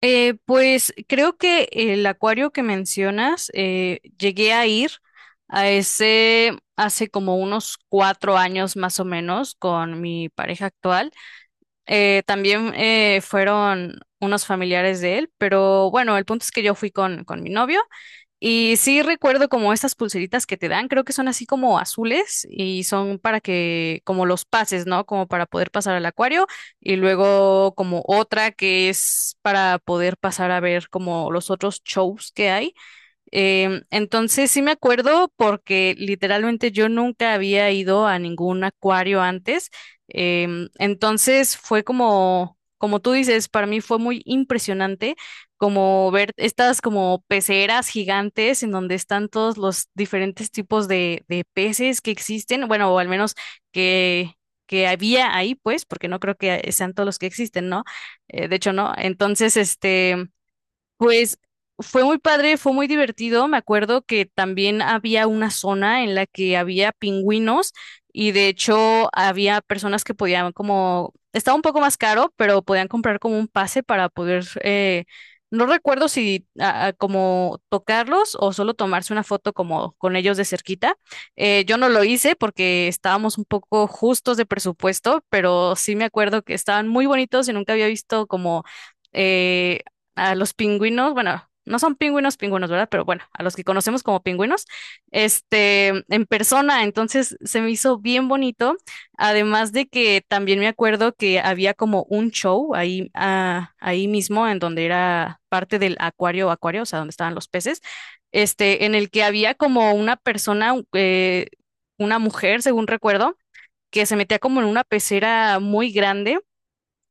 Pues creo que el acuario que mencionas, llegué a ir a ese hace como unos 4 años más o menos con mi pareja actual. También fueron unos familiares de él, pero bueno, el punto es que yo fui con mi novio y sí recuerdo como estas pulseritas que te dan, creo que son así como azules y son para que, como los pases, ¿no? Como para poder pasar al acuario y luego como otra que es para poder pasar a ver como los otros shows que hay. Entonces sí me acuerdo porque literalmente yo nunca había ido a ningún acuario antes. Entonces fue como, como tú dices, para mí fue muy impresionante como ver estas como peceras gigantes en donde están todos los diferentes tipos de peces que existen, bueno, o al menos que, que había ahí, pues, porque no creo que sean todos los que existen, ¿no? De hecho, no. Entonces, este... pues fue muy padre, fue muy divertido. Me acuerdo que también había una zona en la que había pingüinos y de hecho había personas que podían como, estaba un poco más caro, pero podían comprar como un pase para poder, no recuerdo si como tocarlos o solo tomarse una foto como con ellos de cerquita. Yo no lo hice porque estábamos un poco justos de presupuesto, pero sí me acuerdo que estaban muy bonitos y nunca había visto como... eh, a los pingüinos, bueno, no son pingüinos, pingüinos, ¿verdad? Pero bueno, a los que conocemos como pingüinos, este, en persona, entonces se me hizo bien bonito, además de que también me acuerdo que había como un show ahí, ahí mismo, en donde era parte del acuario, o sea, donde estaban los peces, este, en el que había como una persona, una mujer, según recuerdo, que se metía como en una pecera muy grande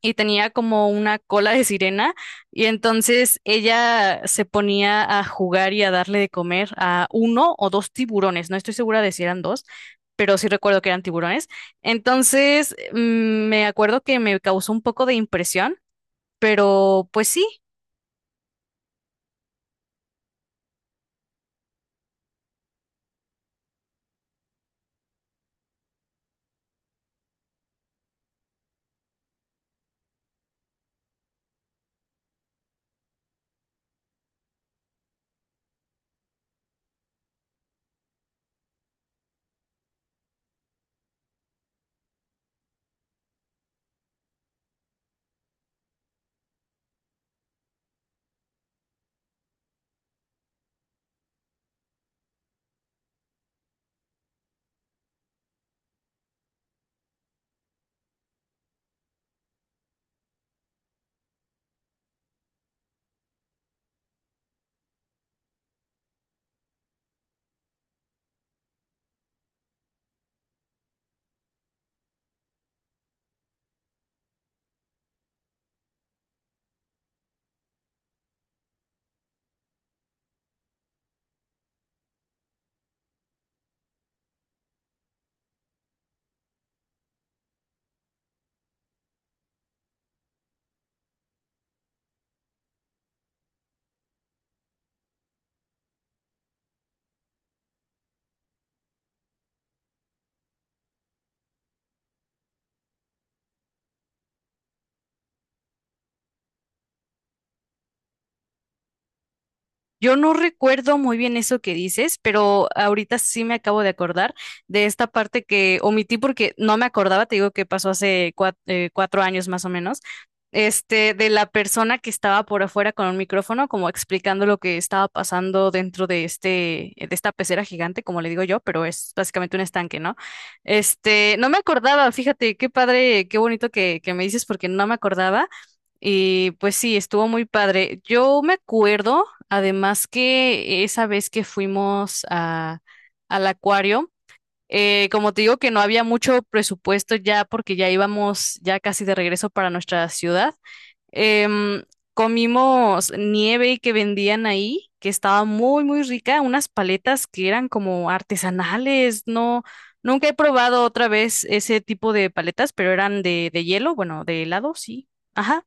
y tenía como una cola de sirena y entonces ella se ponía a jugar y a darle de comer a uno o dos tiburones, no estoy segura de si eran dos, pero sí recuerdo que eran tiburones. Entonces me acuerdo que me causó un poco de impresión, pero pues sí. Yo no recuerdo muy bien eso que dices, pero ahorita sí me acabo de acordar de esta parte que omití porque no me acordaba, te digo que pasó hace 4 años más o menos, este, de la persona que estaba por afuera con un micrófono, como explicando lo que estaba pasando dentro de este, de esta pecera gigante, como le digo yo, pero es básicamente un estanque, ¿no? Este, no me acordaba, fíjate, qué padre, qué bonito que me dices porque no me acordaba. Y pues sí, estuvo muy padre. Yo me acuerdo además que esa vez que fuimos a, al acuario, como te digo que no había mucho presupuesto ya porque ya íbamos ya casi de regreso para nuestra ciudad, em, comimos nieve que vendían ahí, que estaba muy, muy rica, unas paletas que eran como artesanales, no, nunca he probado otra vez ese tipo de paletas, pero eran de hielo, bueno, de helado, sí. Ajá.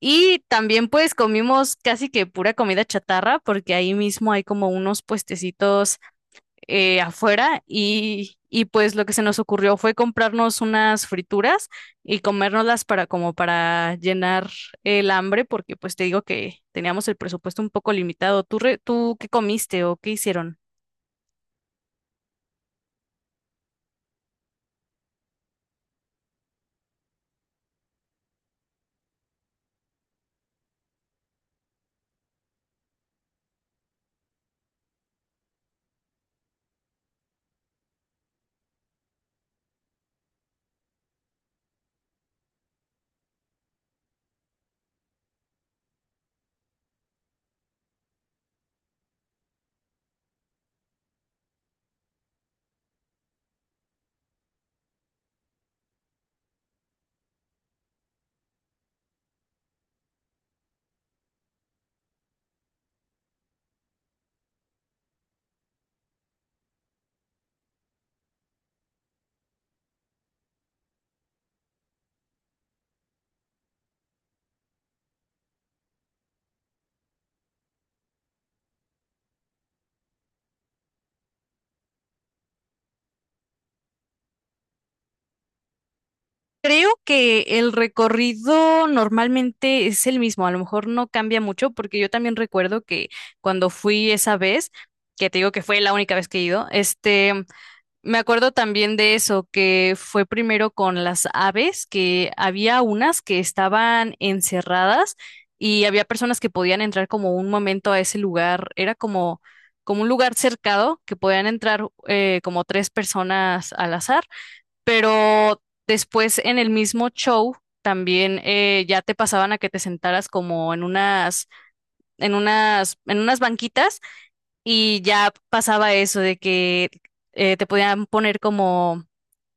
Y también pues comimos casi que pura comida chatarra porque ahí mismo hay como unos puestecitos afuera y pues lo que se nos ocurrió fue comprarnos unas frituras y comérnoslas para como para llenar el hambre porque pues te digo que teníamos el presupuesto un poco limitado. ¿Tú, tú qué comiste o qué hicieron? Creo que el recorrido normalmente es el mismo, a lo mejor no cambia mucho, porque yo también recuerdo que cuando fui esa vez, que te digo que fue la única vez que he ido, este, me acuerdo también de eso, que fue primero con las aves, que había unas que estaban encerradas y había personas que podían entrar como un momento a ese lugar, era como, como un lugar cercado que podían entrar como tres personas al azar, pero después en el mismo show también ya te pasaban a que te sentaras como en unas, en unas banquitas y ya pasaba eso de que te podían poner como,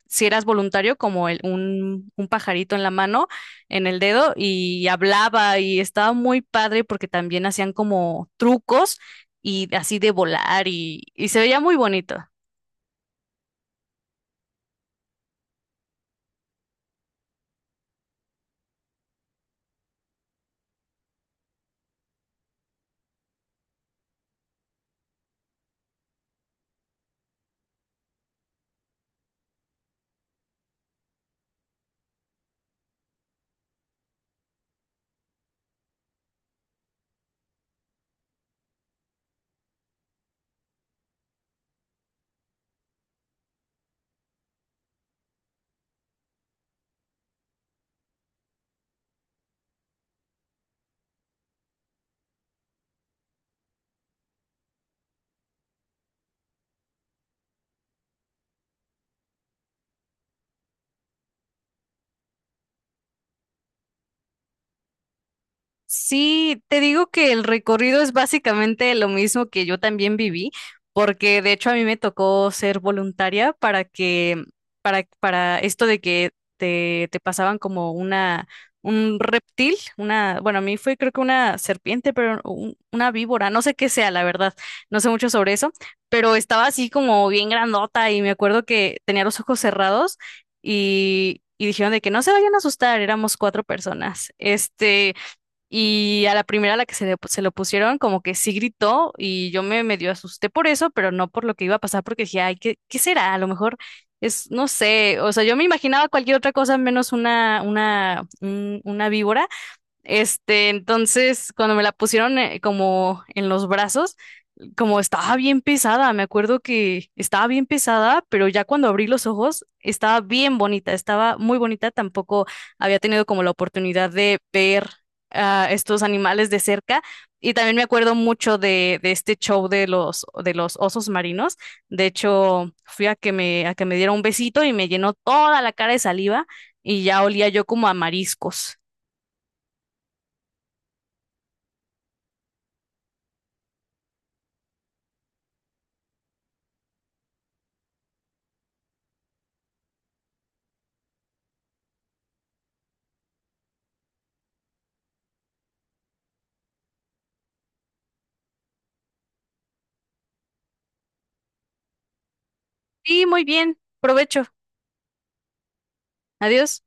si eras voluntario, como un pajarito en la mano, en el dedo y hablaba y estaba muy padre porque también hacían como trucos y así de volar y se veía muy bonito. Sí, te digo que el recorrido es básicamente lo mismo que yo también viví, porque de hecho a mí me tocó ser voluntaria para que, para esto de que te pasaban como una, un reptil, una, bueno, a mí fue creo que una serpiente, pero una víbora, no sé qué sea, la verdad, no sé mucho sobre eso, pero estaba así como bien grandota y me acuerdo que tenía los ojos cerrados y dijeron de que no se vayan a asustar, éramos cuatro personas. Este. Y a la primera a la que se, se lo pusieron, como que sí gritó y yo me medio asusté por eso, pero no por lo que iba a pasar, porque dije, ay, ¿qué, qué será? A lo mejor es, no sé, o sea, yo me imaginaba cualquier otra cosa menos una víbora. Este, entonces, cuando me la pusieron como en los brazos, como estaba bien pesada, me acuerdo que estaba bien pesada, pero ya cuando abrí los ojos, estaba bien bonita, estaba muy bonita, tampoco había tenido como la oportunidad de ver a estos animales de cerca. Y también me acuerdo mucho de este show de los osos marinos. De hecho, fui a que me diera un besito y me llenó toda la cara de saliva y ya olía yo como a mariscos. Sí, muy bien. Provecho. Adiós.